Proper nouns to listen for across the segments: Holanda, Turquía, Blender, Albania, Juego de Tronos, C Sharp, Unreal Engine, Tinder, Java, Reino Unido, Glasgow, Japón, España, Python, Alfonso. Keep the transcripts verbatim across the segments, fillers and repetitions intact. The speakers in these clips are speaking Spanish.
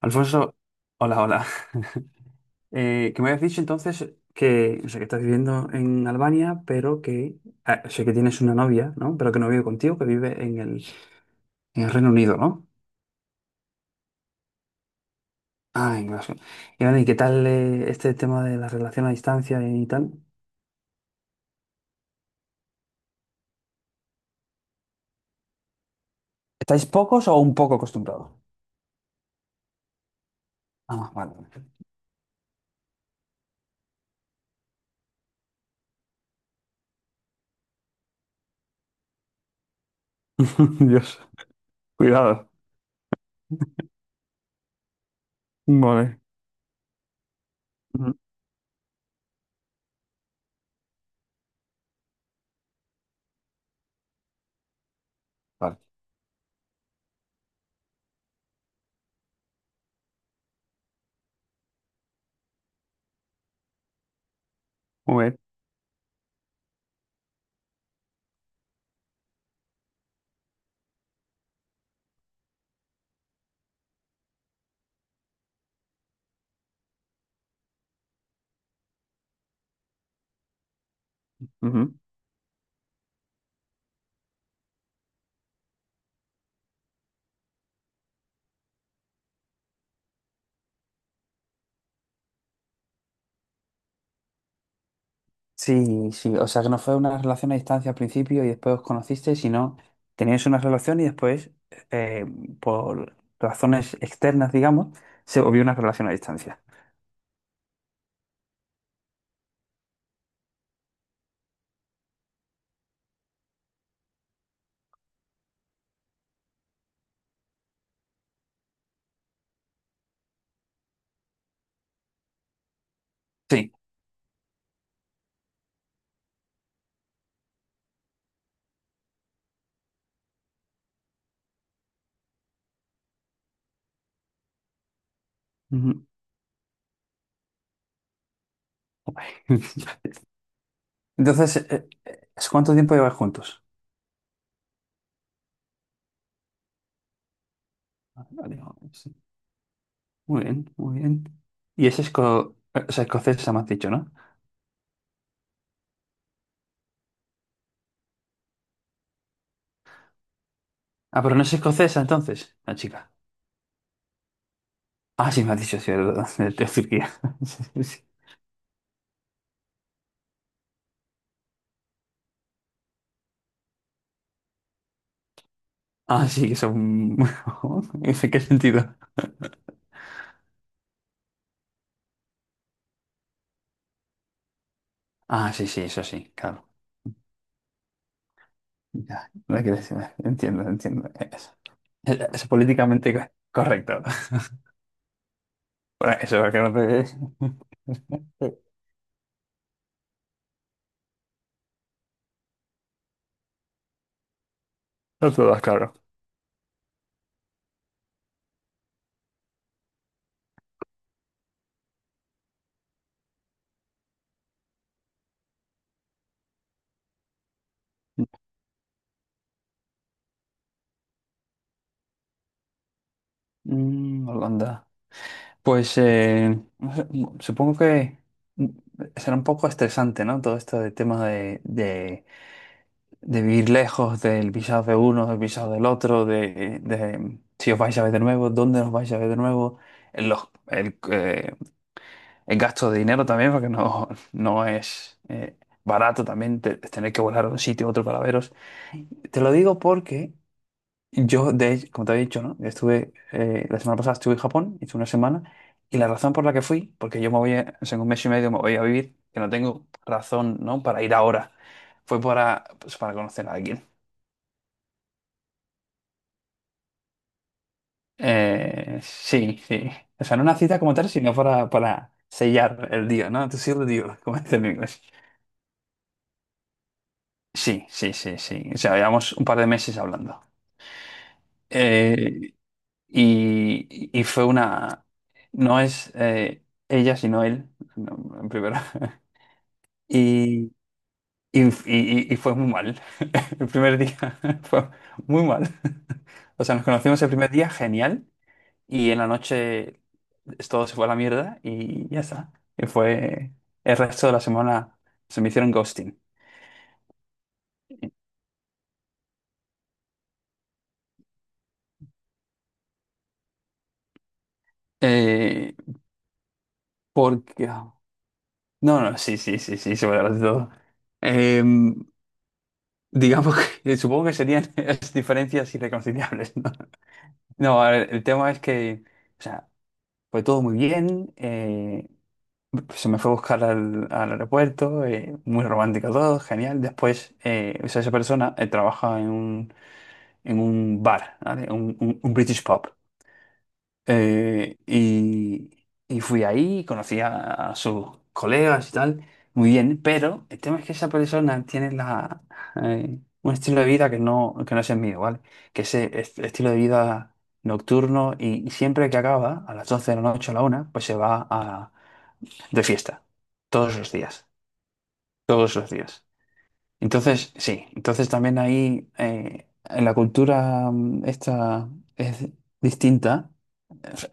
Alfonso, hola, hola. Eh, que me habías dicho entonces que, o sea, que estás viviendo en Albania, pero que, ah, o sea, que tienes una novia, ¿no? Pero que no vive contigo, que vive en el, en el Reino Unido, ¿no? Ah, en Glasgow. Y bueno, ¿y qué tal eh, este tema de la relación a distancia y tal? ¿Estáis pocos o un poco acostumbrados? Ah, vale. Vale. Dios, cuidado. Vale. Ujú. Vale. Muy bien. Ujú. Sí, sí, o sea que no fue una relación a distancia al principio y después os conocisteis, sino teníais una relación y después, eh, por razones externas, digamos, se volvió una relación a distancia. Sí. Ujú. Entonces, eh, eh, ¿cuánto tiempo lleváis juntos? Vale, sí. Muy bien, muy bien. Y es esco- eh, o sea, escocesa, me has dicho, ¿no? Ah, pero no es escocesa entonces, la chica. Ah, sí, me has dicho, sí, de, de Turquía. Sí, sí. Ah, sí, que son... ¿En qué sentido? Ah, sí, sí, eso sí, claro. Ya, no hay que decir- entiendo, entiendo. Es, es políticamente co- correcto. Bueno, eso es que no te... No te lo claro. Mm, Holanda. Pues eh, no sé, mm, supongo que mm, será un poco estresante, ¿no? Todo esto de tema de, de, de vivir lejos del visado de uno, del visado del otro, de, de si os vais a ver de nuevo, dónde os vais a ver de nuevo, en los, el, eh, el gasto de dinero también, porque no, no es eh, barato también te- tener que volar a un sitio a otro para veros. Te lo digo porque yo, de hecho, como te he dicho, ¿no? Estuve, eh, la semana pasada estuve en Japón, hice una semana, y la razón por la que fui, porque yo me voy, a- o sea, en un mes y medio me voy a vivir, que no tengo razón, ¿no? para ir ahora, fue para, pues, para conocer a alguien. Eh, sí, sí. O sea, no una cita como tal, sino para, para, sellar el día, ¿no? To seal the deal, como dicen en inglés. Sí, sí, sí, sí. O sea, llevamos un par de meses hablando. Eh, y, y fue una... No es eh, ella, sino él, no, en primero. Y, y, y- y fue muy mal. El primer día fue muy mal. O sea, nos conocimos el primer día, genial. Y en la noche es- todo se fue a la mierda y ya está. Y fue... El resto de la semana se me hicieron ghosting. Eh, porque... No, no, sí, sí, sí, sí, sobre de todo. Em, digamos que supongo que serían las diferencias irreconciliables, ¿no? No, a ver, el tema es que, o sea, fue todo muy bien, eh, se me fue a buscar al, al aeropuerto, eh, muy romántico todo, genial. Después, eh, o sea, esa persona eh, trabaja en un, en un bar, ¿vale? Un, un- un British pub. Eh, y, y fui ahí, conocí a, a sus colegas y tal, muy bien, pero el tema es que esa persona tiene la, eh, un estilo de vida que no, que no es el mío, ¿vale? Que ese est- estilo de vida nocturno y, y siempre que acaba, a las doce de la noche o a la una, pues se va a, de fiesta, todos los días, todos los días. Entonces, sí, entonces también ahí eh, en la cultura mm, esta es distinta.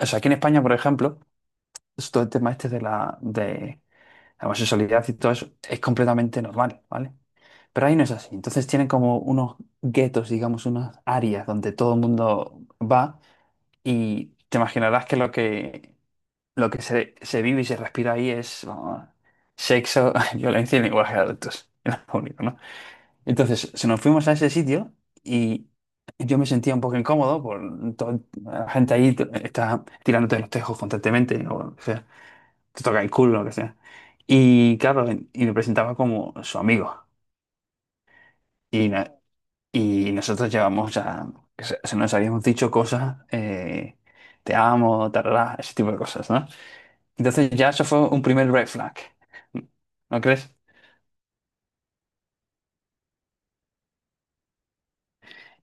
O sea, aquí en España, por ejemplo, es todo el tema este de la, de la, homosexualidad y todo eso es completamente normal, ¿vale? Pero ahí no es así. Entonces tienen como unos guetos, digamos, unas áreas donde todo el mundo va y te imaginarás que lo que, lo que se, se vive y se respira ahí es vamos, sexo, violencia y lenguaje de adultos. Era lo único, ¿no? Entonces, si nos fuimos a ese sitio y yo me sentía un poco incómodo por todo, la gente ahí t- está tirándote los tejos constantemente, ¿no? O sea, te toca el culo, lo que sea. Y claro, y me presentaba como su amigo. Y, na- y nosotros llevamos ya, se, se nos habíamos dicho cosas, eh, te amo, tarará, ese tipo de cosas, ¿no? Entonces ya eso fue un primer red flag, ¿no crees?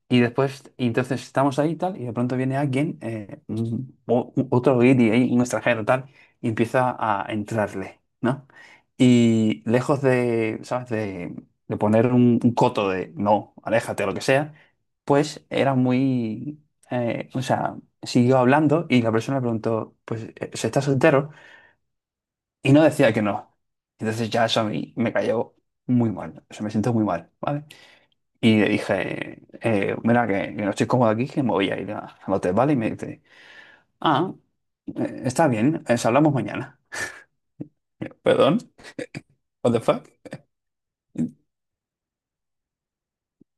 Y después, y entonces estamos ahí y tal, y de pronto viene alguien, eh, un- o- u- otro guiri ahí, un extranjero tal, y empieza a entrarle, ¿no? Y lejos de, ¿sabes? De, de poner un, un coto de no, aléjate o lo que sea, pues era muy, eh, o sea, siguió hablando y la persona le preguntó, pues, eh, ¿se está soltero? Y no decía que no. Entonces ya eso a mí me cayó muy mal, o sea, me siento muy mal, ¿vale? Y le dije, eh, mira, que, que no estoy cómodo aquí, que me voy a ir a- al hotel, ¿vale? Y me dice, ah, eh, está bien, eh, hablamos mañana. ¿Perdón? ¿What the fuck?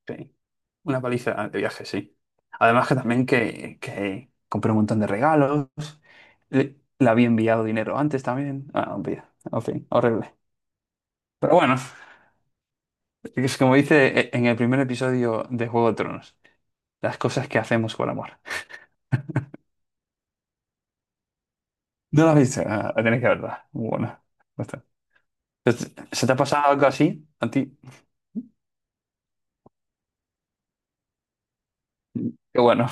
Sí, una paliza de viaje, sí. Además que también que, que compré un montón de regalos, le, le había enviado dinero antes también. Ah, olvida en fin, horrible. Pero bueno, es como dice eh, en el primer episodio de Juego de Tronos, las cosas que hacemos por amor. No lo has visto, ah, tenéis que verla. Muy buena. Este, ¿se te ha pasado algo así a ti? Qué bueno.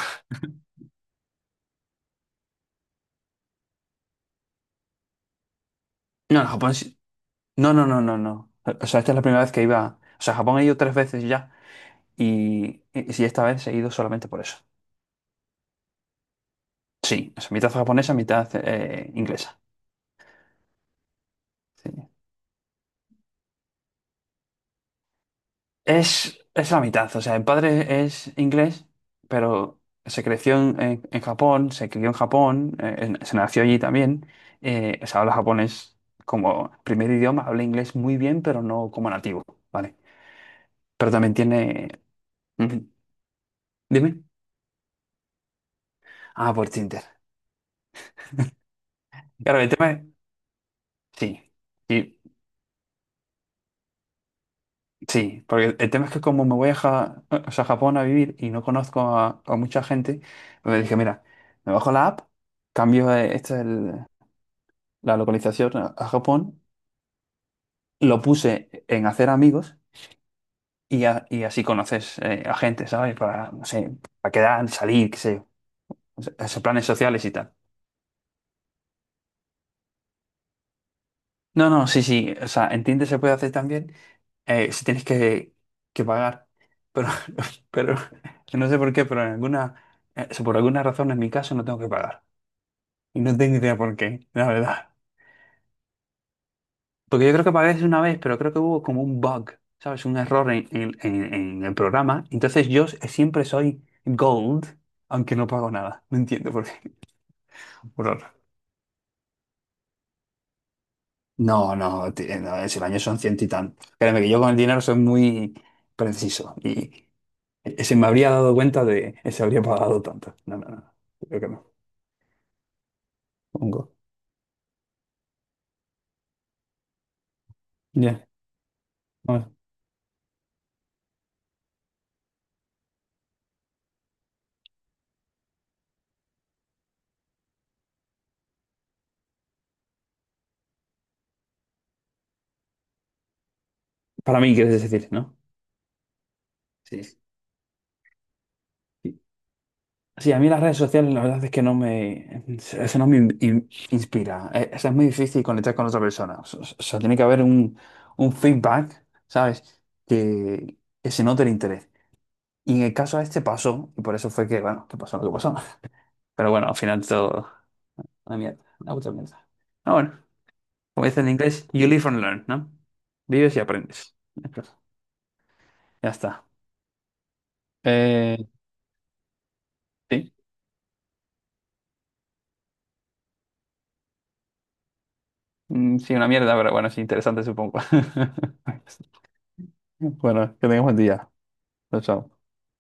No, en Japón sí- no, no, no, no, no. O sea, esta es la primera vez que iba. O sea, a Japón he ido tres veces ya. Y, y, sí, esta vez he ido solamente por eso. Sí, o sea, mitad japonesa, mitad eh, inglesa. Sí. Es, es la mitad. O sea, el padre es inglés, pero se creció en, en- en Japón, se crió en Japón, eh, en- se nació allí también. Eh, o sea, habla japonés como primer idioma, habla inglés muy bien, pero no como nativo, ¿vale? Pero también tiene. Dime. Ah, por Tinder. Claro, el tema es... Sí, sí, sí, porque el tema es que como me voy a, Ja- o sea, a Japón a vivir y no conozco a, a mucha gente, me dije, mira, me bajo la app, cambio eh, esta el- la localización a, a Japón, lo puse en hacer amigos y, a- y así conoces eh, a gente, ¿sabes? Para, no sé, para quedar, salir, qué sé yo, o sea, esos planes sociales y tal. No, no, sí, sí, o sea, en Tinder se puede hacer también. eh, si tienes que, que pagar. Pero, pero no sé por qué, pero en alguna, eh, si por alguna razón en mi caso no tengo que pagar. Y no tengo idea por qué, la verdad. Porque yo creo que pagué una vez, pero creo que hubo como un bug, ¿sabes? Un error en, en- en- en el programa. Entonces yo siempre soy gold, aunque no pago nada. No entiendo por qué. Por ahora. No, no, ti- no, ese baño son ciento y tanto. Créeme que yo con el dinero soy muy preciso. Y, E- se me habría dado cuenta de... eh, se habría pagado tanto. No, no, no. Creo que no. Pongo. Ya. Vamos. Para mí, quieres decir, ¿no? Sí. Sí, Sí, a mí las redes sociales la verdad es que no me... eh, eso no me in- in- inspira. Eh, O sea, es muy difícil conectar con otra persona. O sea, o sea, tiene que haber un, un feedback, ¿sabes? Que, que se note el interés. Y en el caso este pasó, y por eso fue que, bueno, que pasó lo que pasó. Pero bueno, al final todo... Una mierda, una puta mierda. Ah, bueno. Como dice en inglés, you live and learn, ¿no? Vives y aprendes. Entonces, ya está. Eh, sí, Mm, sí, una mierda, pero bueno, es interesante, supongo. Bueno, que tengas buen día. Chao, chao.